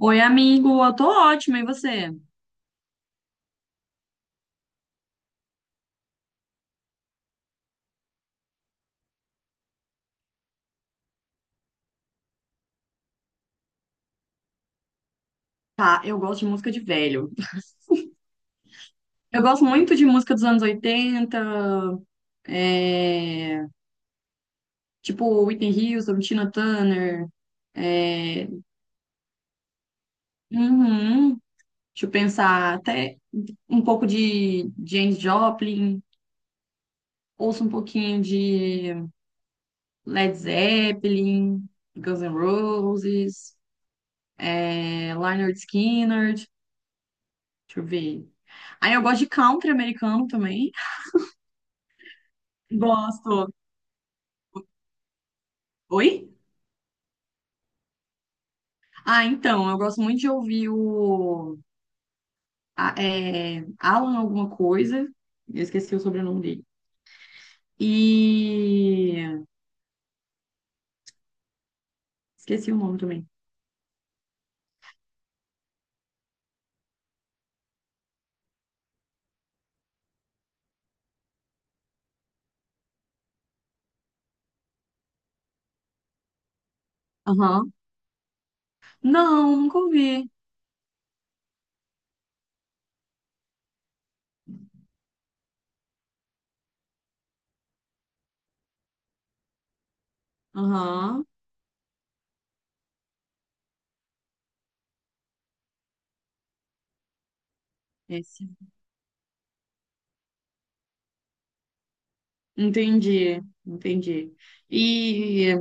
Oi, amigo, eu tô ótima, e você? Tá, eu gosto de música de velho. Eu gosto muito de música dos anos 80, é, tipo Whitney Houston, Tina Turner. é, uhum, deixa eu pensar, até um pouco de James Joplin, ouço um pouquinho de Led Zeppelin, Guns N' Roses, Lynyrd Skynyrd, deixa eu ver. Aí eu gosto de country americano também. Gosto. Oi? Ah, então, eu gosto muito de ouvir Alan alguma coisa. Eu esqueci o sobrenome dele. E esqueci o nome também. Aham. Não, nunca ouvi. Aham. Esse. Entendi, entendi. E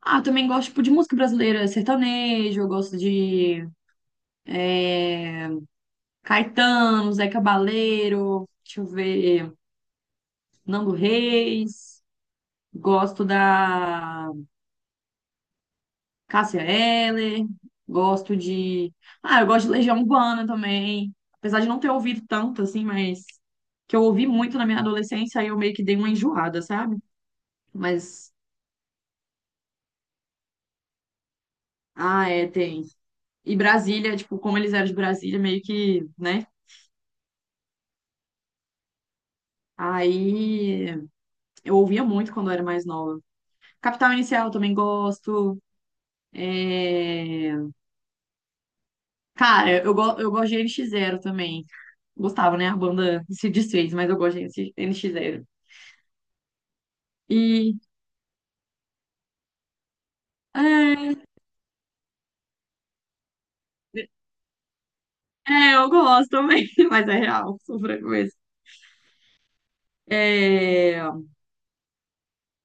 também gosto, tipo, de música brasileira, sertanejo, eu gosto de é, Caetano, Zé Cabaleiro, deixa eu ver, Nando Reis, gosto da Cássia Eller, gosto de. Ah, eu gosto de Legião Urbana também. Apesar de não ter ouvido tanto, assim, mas que eu ouvi muito na minha adolescência, aí eu meio que dei uma enjoada, sabe? Mas ah, é, tem. E Brasília, tipo, como eles eram de Brasília, meio que, né? Aí eu ouvia muito quando eu era mais nova. Capital Inicial eu também gosto. É... Cara, eu gosto de NX Zero também. Gostava, né? A banda se desfez, mas eu gosto de NX Zero. E, é, É, eu gosto também, mas é real, sou franco mesmo. É,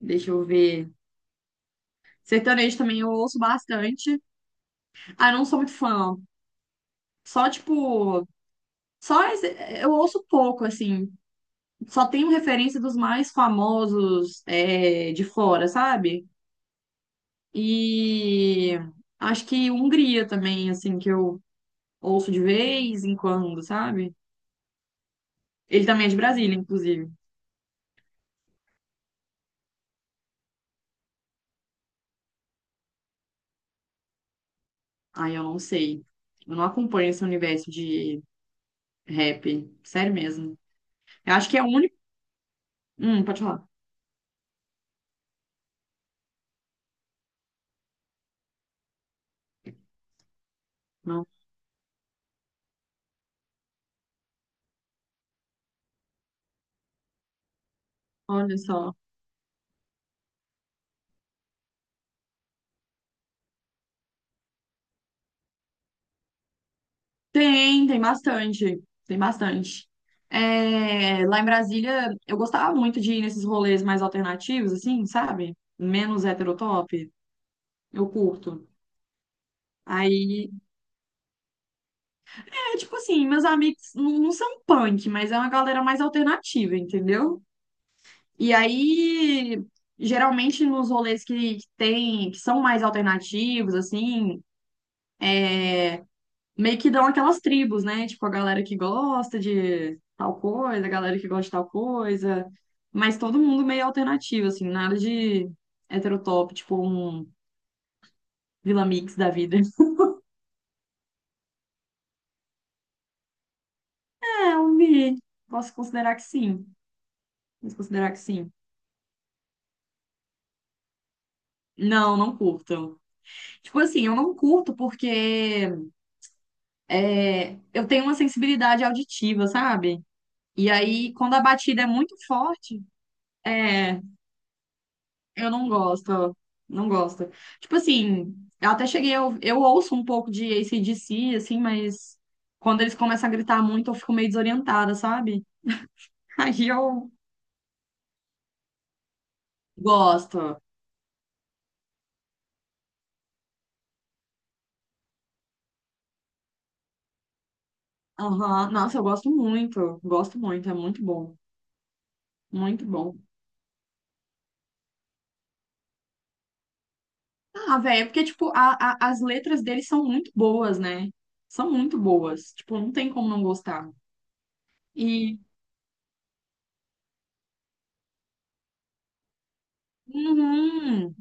deixa eu ver. Sertanejo também eu ouço bastante. Ah, não sou muito fã. Só, tipo, só esse- eu ouço pouco, assim. Só tenho referência dos mais famosos, de fora, sabe? E acho que Hungria também, assim, que eu ouço de vez em quando, sabe? Ele também é de Brasília, inclusive. Ah, eu não sei. Eu não acompanho esse universo de rap, sério mesmo. Eu acho que é o único. Pode falar. Não. Olha só. Tem, tem bastante. Tem bastante. É, lá em Brasília, eu gostava muito de ir nesses rolês mais alternativos, assim, sabe? Menos heterotop. Eu curto. Aí, é tipo assim, meus amigos não, não são punk, mas é uma galera mais alternativa, entendeu? E aí, geralmente nos rolês que tem, que são mais alternativos, assim, meio que dão aquelas tribos, né? Tipo, a galera que gosta de tal coisa, a galera que gosta de tal coisa. Mas todo mundo meio alternativo, assim, nada de heterotop, tipo um Vila Mix da vida. É, eu vi. Posso considerar que sim. Posso considerar que sim. Não, não curto. Tipo assim, eu não curto porque eu tenho uma sensibilidade auditiva, sabe? E aí, quando a batida é muito forte, é. Eu não gosto, não gosto. Tipo assim, eu até cheguei, eu ouço um pouco de AC/DC, assim, mas quando eles começam a gritar muito, eu fico meio desorientada, sabe? Aí eu gosto. Aham. Nossa, eu gosto muito, é muito bom, muito bom. Ah, velho, é porque, tipo, as letras deles são muito boas, né? São muito boas, tipo, não tem como não gostar. E, uhum,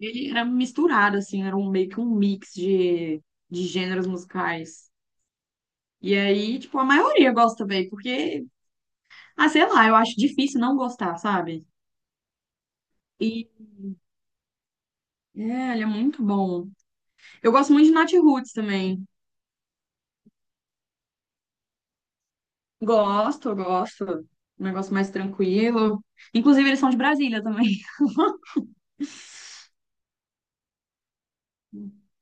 Ele era misturado, assim, era um, meio que um mix de gêneros musicais. E aí, tipo, a maioria gosta bem, porque, ah, sei lá, eu acho difícil não gostar, sabe? E ele é muito bom. Eu gosto muito de Nat Roots também. Gosto, gosto. Um negócio mais tranquilo. Inclusive, eles são de Brasília também.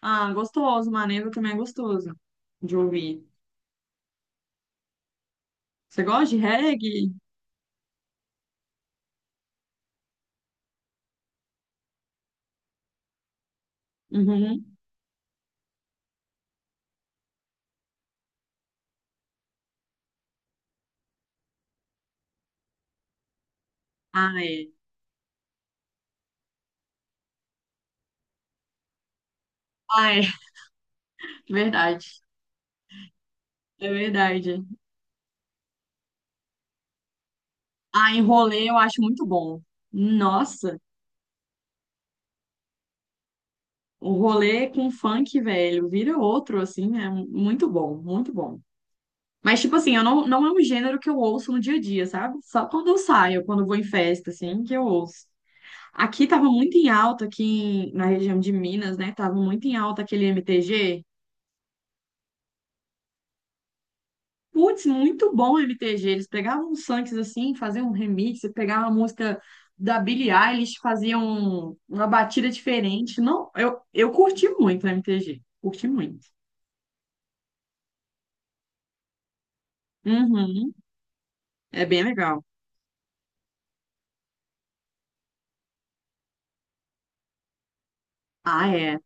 Ah, gostoso, Maneva também é gostoso de ouvir. Você gosta de reggae? Uhum. Ah, é. Ah, é. Verdade. É verdade. Ah, em rolê eu acho muito bom. Nossa, o rolê com funk, velho, vira outro, assim, é muito bom, muito bom. Mas, tipo assim, eu não, não é um gênero que eu ouço no dia a dia, sabe? Só quando eu saio, quando eu vou em festa, assim, que eu ouço. Aqui tava muito em alta, na região de Minas, né? Tava muito em alta aquele MTG. Putz, muito bom o MTG. Eles pegavam uns funks assim, faziam um remix, pegavam a música da Billie Eilish, faziam uma batida diferente. Não, eu curti muito o MTG. Curti muito. Uhum, é bem legal. Ah, é.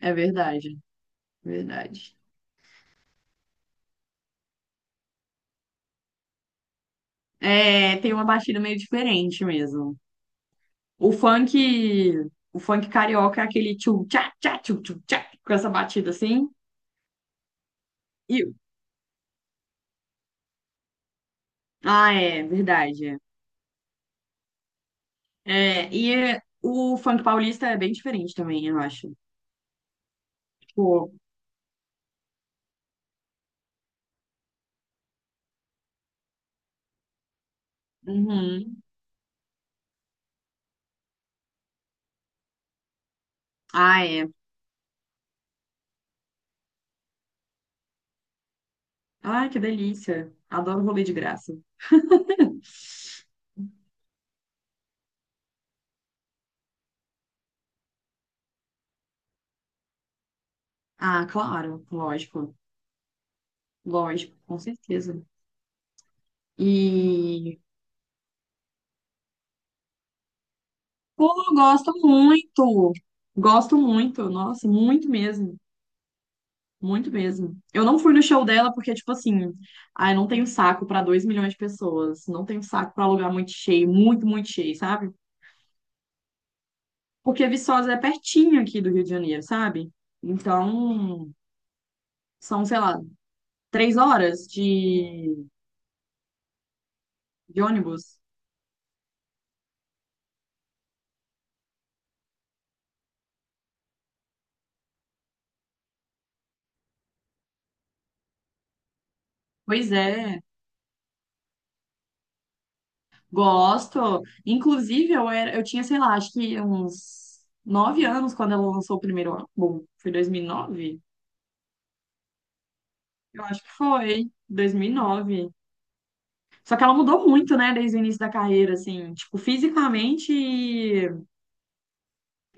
É verdade. Verdade. É, tem uma batida meio diferente mesmo. O funk, o funk carioca é aquele tchum tchá tchá tchum tchum tchá, com essa batida assim. E, é verdade. É. É, o funk paulista é bem diferente também, eu acho. Tipo, uhum. Ah, é. Ah, que delícia. Adoro rolê de graça. Ah, claro, lógico. Lógico, com certeza. E, pô, eu gosto muito. Gosto muito, nossa, muito mesmo. Muito mesmo. Eu não fui no show dela porque, tipo assim, ai, não tenho saco pra 2 milhões de pessoas. Não tenho saco pra lugar muito cheio, muito, muito cheio, sabe? Porque Viçosa é pertinho aqui do Rio de Janeiro, sabe? Então, são, sei lá, 3 horas de ônibus. Pois é, gosto. Inclusive, eu era, eu tinha, sei lá, acho que uns 9 anos quando ela lançou o primeiro álbum. Foi 2009. Eu acho que foi 2009. Só que ela mudou muito, né, desde o início da carreira, assim, tipo, fisicamente, e-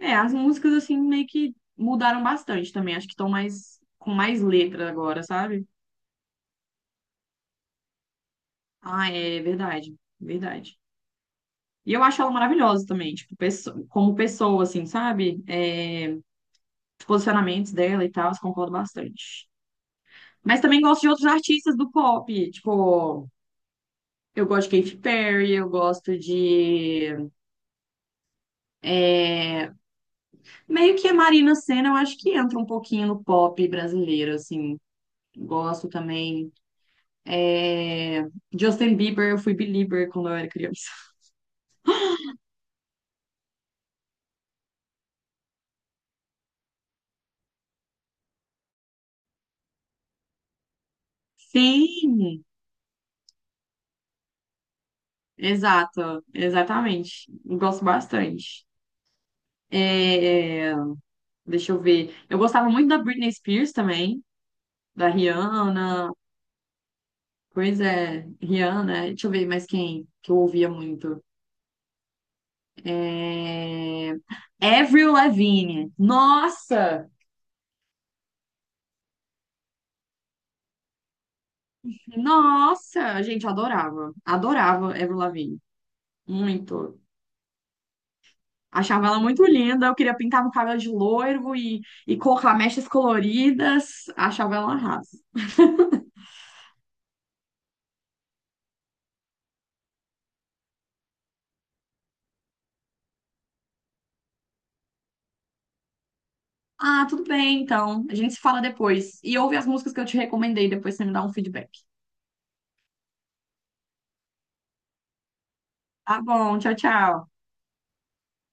é, as músicas, assim, meio que mudaram bastante também. Acho que estão mais, com mais letra agora, sabe? Ah, é verdade, verdade. E eu acho ela maravilhosa também, tipo, como pessoa, assim, sabe? É, os posicionamentos dela e tal, eu concordo bastante. Mas também gosto de outros artistas do pop, tipo, eu gosto de Katy Perry, eu gosto de... Meio que a Marina Sena, eu acho que entra um pouquinho no pop brasileiro, assim. Gosto também. É, Justin Bieber, eu fui belieber quando eu era criança. Sim, exato, exatamente. Gosto bastante. É, deixa eu ver. Eu gostava muito da Britney Spears também, da Rihanna. Pois é, Rihanna. Deixa eu ver mais quem que eu ouvia muito. É... Avril Lavigne. Nossa! Nossa! A gente adorava. Adorava Avril Lavigne. Muito. Achava ela muito linda. Eu queria pintar meu cabelo de loiro e colocar mechas coloridas. Achava ela arrasa. Ah, tudo bem, então. A gente se fala depois. E ouve as músicas que eu te recomendei, depois você me dá um feedback. Tá bom, tchau, tchau.